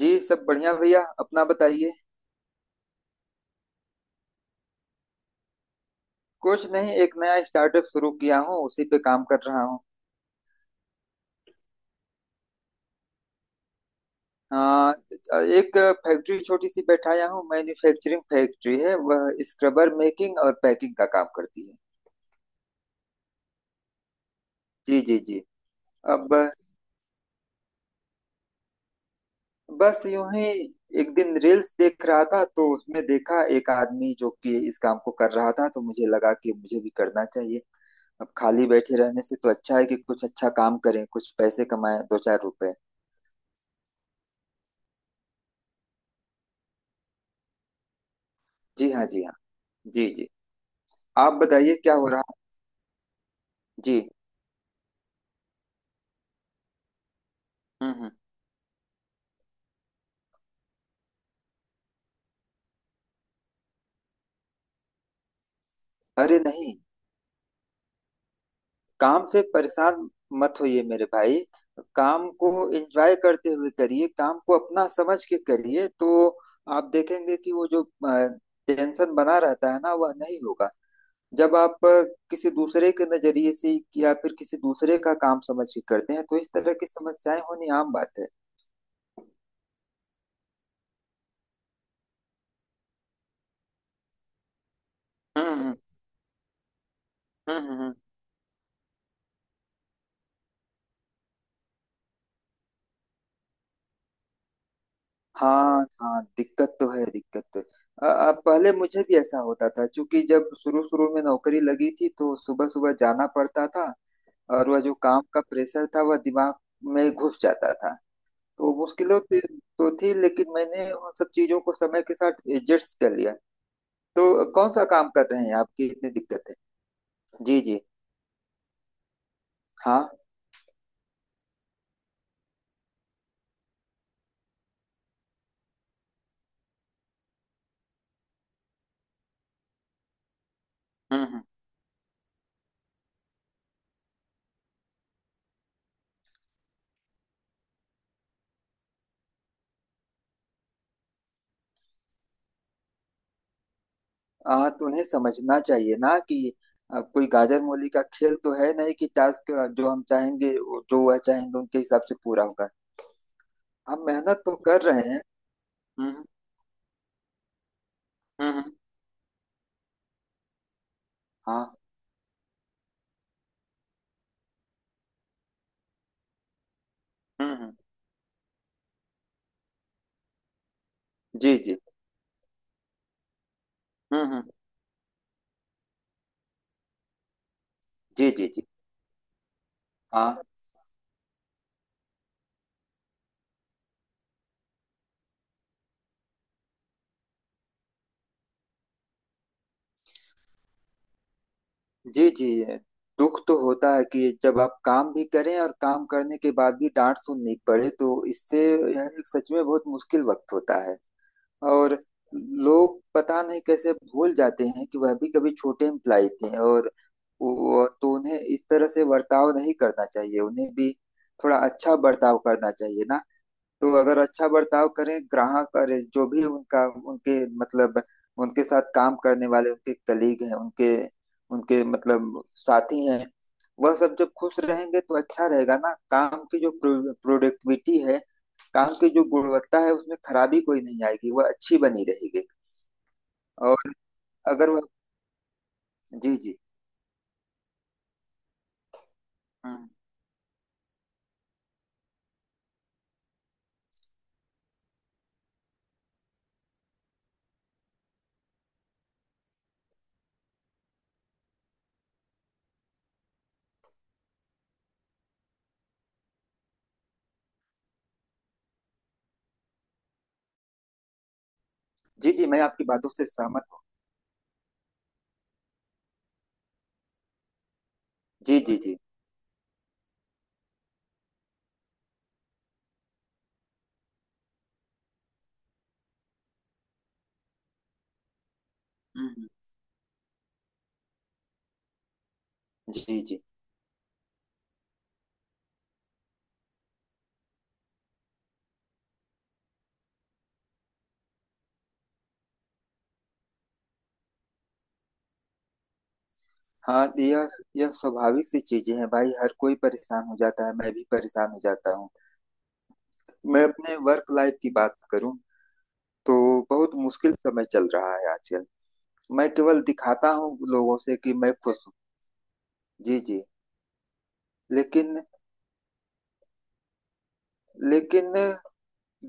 जी सब बढ़िया भैया अपना बताइए। कुछ नहीं, एक नया स्टार्टअप शुरू किया हूँ उसी पे काम कर रहा हूँ। हाँ। एक फैक्ट्री छोटी सी बैठाया हूँ, मैन्युफैक्चरिंग फैक्ट्री है, वह स्क्रबर मेकिंग और पैकिंग का काम करती है। जी जी जी। अब बस यूं ही, एक दिन रील्स देख रहा था तो उसमें देखा एक आदमी जो कि इस काम को कर रहा था, तो मुझे लगा कि मुझे भी करना चाहिए। अब खाली बैठे रहने से तो अच्छा है कि कुछ अच्छा काम करें, कुछ पैसे कमाएं, दो चार रुपए। जी हाँ जी हाँ। जी जी। आप बताइए क्या हो रहा है? जी। हम्म। अरे नहीं, काम से परेशान मत होइए मेरे भाई। काम को एंजॉय करते हुए करिए, काम को अपना समझ के करिए, तो आप देखेंगे कि वो जो टेंशन बना रहता है ना, वह नहीं होगा। जब आप किसी दूसरे के नजरिए से या फिर किसी दूसरे का काम समझ के करते हैं, तो इस तरह की समस्याएं होनी आम बात है। हम्म। हम्म हम्म हम्म। हाँ हाँ, दिक्कत तो है, दिक्कत तो है। पहले मुझे भी ऐसा होता था, क्योंकि जब शुरू शुरू में नौकरी लगी थी तो सुबह सुबह जाना पड़ता था। और वह जो काम का प्रेशर था वह दिमाग में घुस जाता था। तो मुश्किलों थी, तो थी, लेकिन मैंने उन सब चीजों को समय के साथ एडजस्ट कर लिया। तो कौन सा काम कर रहे हैं आपकी इतनी दिक्कत है? जी जी। हाँ। हम्म। तुम्हें समझना चाहिए ना कि कोई गाजर मूली का खेल तो है नहीं कि टास्क जो वह चाहेंगे उनके हिसाब से पूरा होगा। हम मेहनत तो कर रहे हैं। हम्म हम्म। हाँ। हम्म। जी जी। हम्म, हम्म। जी जी जी। हाँ। जी जी। दुख तो होता है कि जब आप काम भी करें और काम करने के बाद भी डांट सुननी पड़े, तो इससे यह एक सच में बहुत मुश्किल वक्त होता है। और लोग पता नहीं कैसे भूल जाते हैं कि वह भी कभी छोटे इम्प्लाई थे, और वो तो उन्हें इस तरह से बर्ताव नहीं करना चाहिए, उन्हें भी थोड़ा अच्छा बर्ताव करना चाहिए ना। तो अगर अच्छा बर्ताव करें, ग्राहक और जो भी उनका, उनके मतलब उनके साथ काम करने वाले उनके कलीग हैं, उनके उनके मतलब साथी हैं, वह सब जब खुश रहेंगे तो अच्छा रहेगा ना। काम की जो प्रोडक्टिविटी है, काम की जो गुणवत्ता है, उसमें खराबी कोई नहीं आएगी, वह अच्छी बनी रहेगी। और अगर वह। जी जी। हम्म, जी जी मैं आपकी बातों से सहमत हूँ। जी जी जी। हम्म, जी जी। हाँ, तो यह स्वाभाविक सी चीजें हैं भाई, हर कोई परेशान हो जाता है, मैं भी परेशान हो जाता हूँ। मैं अपने वर्क लाइफ की बात करूँ तो बहुत मुश्किल समय चल रहा है आजकल। मैं केवल दिखाता हूँ लोगों से कि मैं खुश हूँ। जी जी। लेकिन लेकिन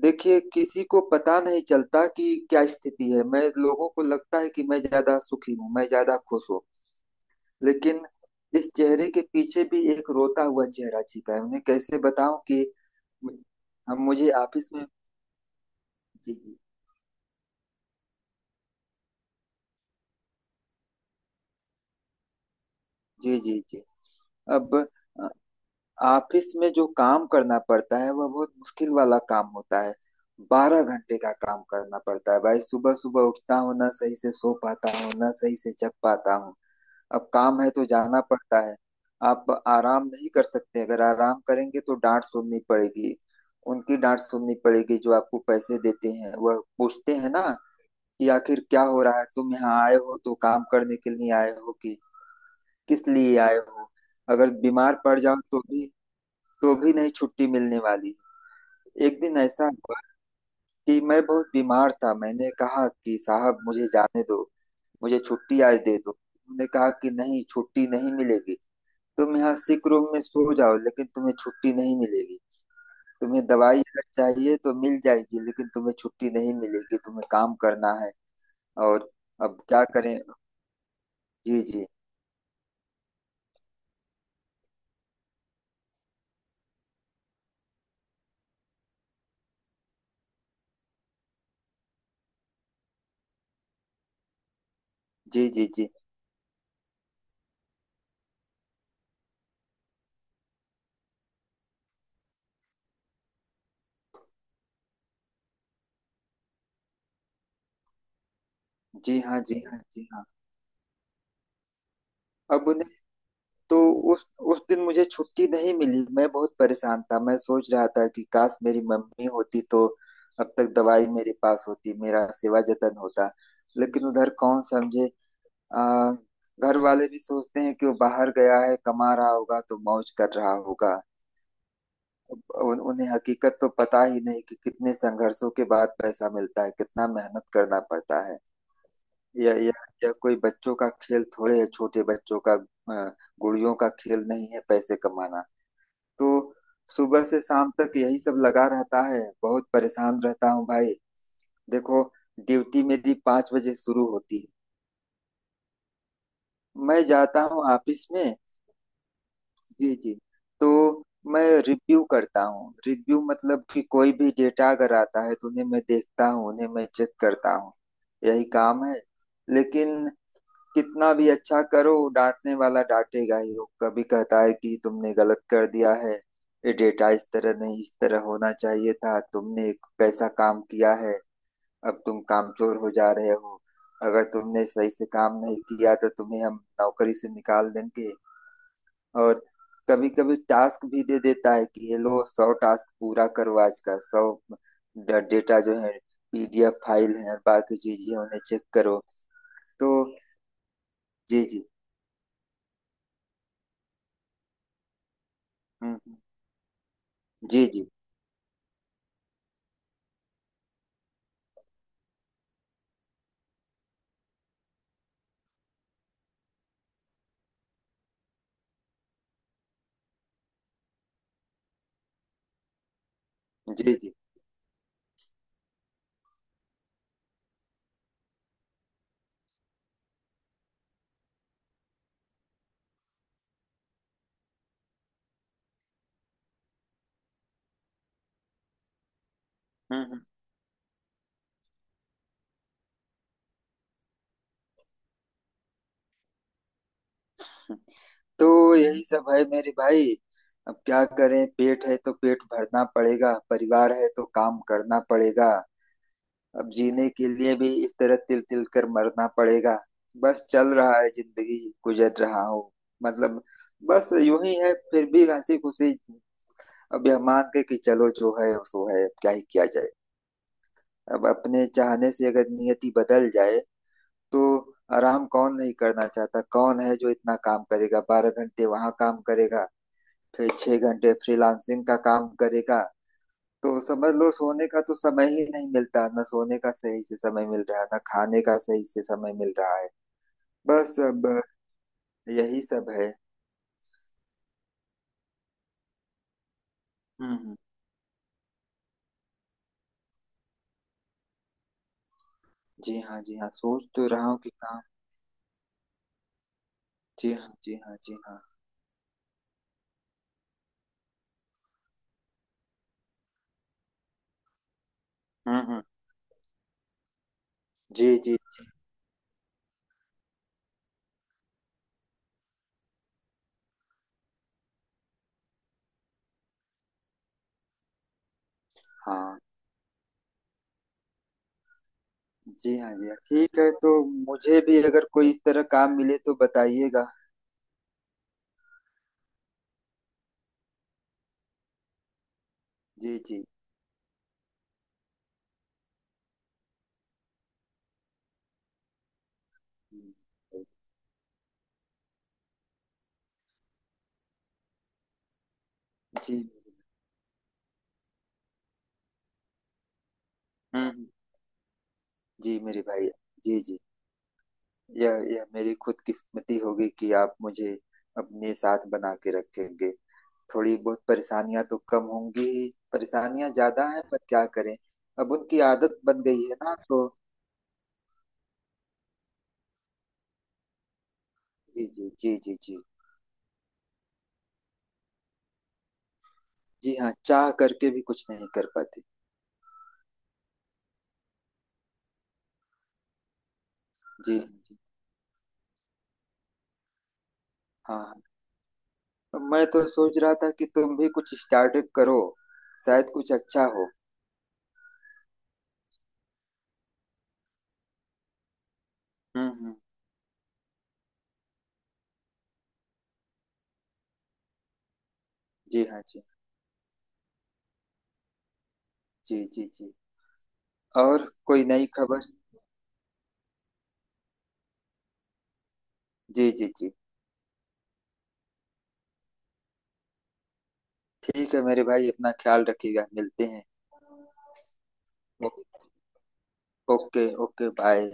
देखिए किसी को पता नहीं चलता कि क्या स्थिति है, मैं लोगों को लगता है कि मैं ज्यादा सुखी हूँ, मैं ज्यादा खुश हूँ। लेकिन इस चेहरे के पीछे भी एक रोता हुआ चेहरा छिपा है, उन्हें कैसे बताऊं कि। हम मुझे ऑफिस में। जी जी जी जी। अब अ, ऑफिस में जो काम करना पड़ता है वह बहुत मुश्किल वाला काम होता है। 12 घंटे का काम करना पड़ता है भाई, सुबह सुबह उठता हूँ, ना सही से सो पाता हूँ ना सही से जग पाता हूँ। अब काम है तो जाना पड़ता है। आप आराम नहीं कर सकते, अगर आराम करेंगे तो डांट सुननी पड़ेगी। उनकी डांट सुननी पड़ेगी जो आपको पैसे देते हैं, वह पूछते हैं ना कि आखिर क्या हो रहा है, तुम यहाँ आए हो तो काम करने के लिए आए हो कि किस लिए आए हो। अगर बीमार पड़ जाओ तो भी, तो भी नहीं छुट्टी मिलने वाली है। एक दिन ऐसा हुआ कि मैं बहुत बीमार था, मैंने कहा कि साहब मुझे जाने दो, मुझे छुट्टी आज दे दो। उन्होंने कहा कि नहीं, छुट्टी नहीं मिलेगी, तुम यहाँ सिक रूम में सो जाओ लेकिन तुम्हें छुट्टी नहीं मिलेगी। तुम्हें दवाई अगर चाहिए तो मिल जाएगी, लेकिन तुम्हें छुट्टी नहीं मिलेगी, तुम्हें काम करना है। और अब क्या करें। जी जी जी जी जी। जी हाँ जी हाँ जी हाँ। अब उन्हें, तो उस उस दिन मुझे छुट्टी नहीं मिली, मैं बहुत परेशान था। मैं सोच रहा था कि काश मेरी मम्मी होती तो अब तक दवाई मेरे पास होती, मेरा सेवा जतन होता। लेकिन उधर कौन समझे। आ, घर वाले भी सोचते हैं कि वो बाहर गया है, कमा रहा होगा तो मौज कर रहा होगा। उन्हें हकीकत तो पता ही नहीं कि कितने संघर्षों के बाद पैसा मिलता है, कितना मेहनत करना पड़ता है। यह यह यह कोई बच्चों का खेल थोड़े है, छोटे बच्चों का अ, गुड़ियों का खेल नहीं है पैसे कमाना। तो सुबह से शाम तक यही सब लगा रहता है, बहुत परेशान रहता हूँ भाई। देखो, ड्यूटी मेरी 5 बजे शुरू होती है, मैं जाता हूँ ऑफिस में। जी जी। तो मैं रिव्यू करता हूँ, रिव्यू मतलब कि कोई भी डेटा अगर आता है तो उन्हें मैं देखता हूँ, उन्हें मैं चेक करता हूँ। यही काम है। लेकिन कितना भी अच्छा करो डांटने वाला डांटेगा ही। वो कभी कहता है कि तुमने गलत कर दिया है, ये डेटा इस तरह नहीं इस तरह होना चाहिए था, तुमने एक कैसा काम किया है। अब तुम कामचोर हो जा रहे हो, अगर तुमने सही से काम नहीं किया तो तुम्हें हम नौकरी से निकाल देंगे। और कभी कभी टास्क भी दे देता है कि ये लो 100 टास्क पूरा करो आज का, 100 डेटा जो है PDF फाइल है और बाकी चीजें उन्हें चेक करो। तो। जी जी। हम्म हम्म। जी जी जी जी। हम्म हम्म, हम्म। तो यही सब है मेरे भाई, अब क्या करें, पेट है तो पेट भरना पड़ेगा, परिवार है तो काम करना पड़ेगा। अब जीने के लिए भी इस तरह तिल तिल कर मरना पड़ेगा। बस चल रहा है जिंदगी, गुजर रहा हूँ, मतलब बस यूं ही है, फिर भी हंसी खुशी। अब यह मान के कि चलो जो है सो है, अब क्या ही किया जाए। अब अपने चाहने से अगर नियति बदल जाए तो। आराम कौन नहीं करना चाहता, कौन है जो इतना काम करेगा, 12 घंटे वहां काम करेगा, फिर 6 घंटे फ्रीलांसिंग का काम करेगा। तो समझ लो सोने का तो समय ही नहीं मिलता, ना सोने का सही से समय मिल रहा है ना खाने का सही से समय मिल रहा है। बस अब यही सब है। हम्म हम्म, जी हाँ जी हाँ, सोच तो रहा हूँ कि काम। जी हाँ जी हाँ जी हाँ। हम्म। जी जी जी। हाँ जी हाँ जी हाँ, ठीक है। तो मुझे भी अगर कोई इस तरह काम मिले तो बताइएगा। जी जी जी। हम्म। जी मेरे भाई। जी जी। यह मेरी खुद किस्मती होगी कि आप मुझे अपने साथ बना के रखेंगे, थोड़ी बहुत परेशानियां तो कम होंगी ही। परेशानियां ज्यादा हैं पर क्या करें, अब उनकी आदत बन गई है ना, तो। जी जी जी जी जी। जी हाँ, चाह करके भी कुछ नहीं कर पाते। जी जी। हाँ, हाँ मैं तो सोच रहा था कि तुम भी कुछ स्टार्टअप करो, शायद कुछ अच्छा हो। हम्म। जी हाँ। जी जी जी। जी और कोई नई खबर? जी जी जी। ठीक है मेरे भाई, अपना ख्याल रखिएगा, मिलते हैं। ओ- ओके ओके बाय।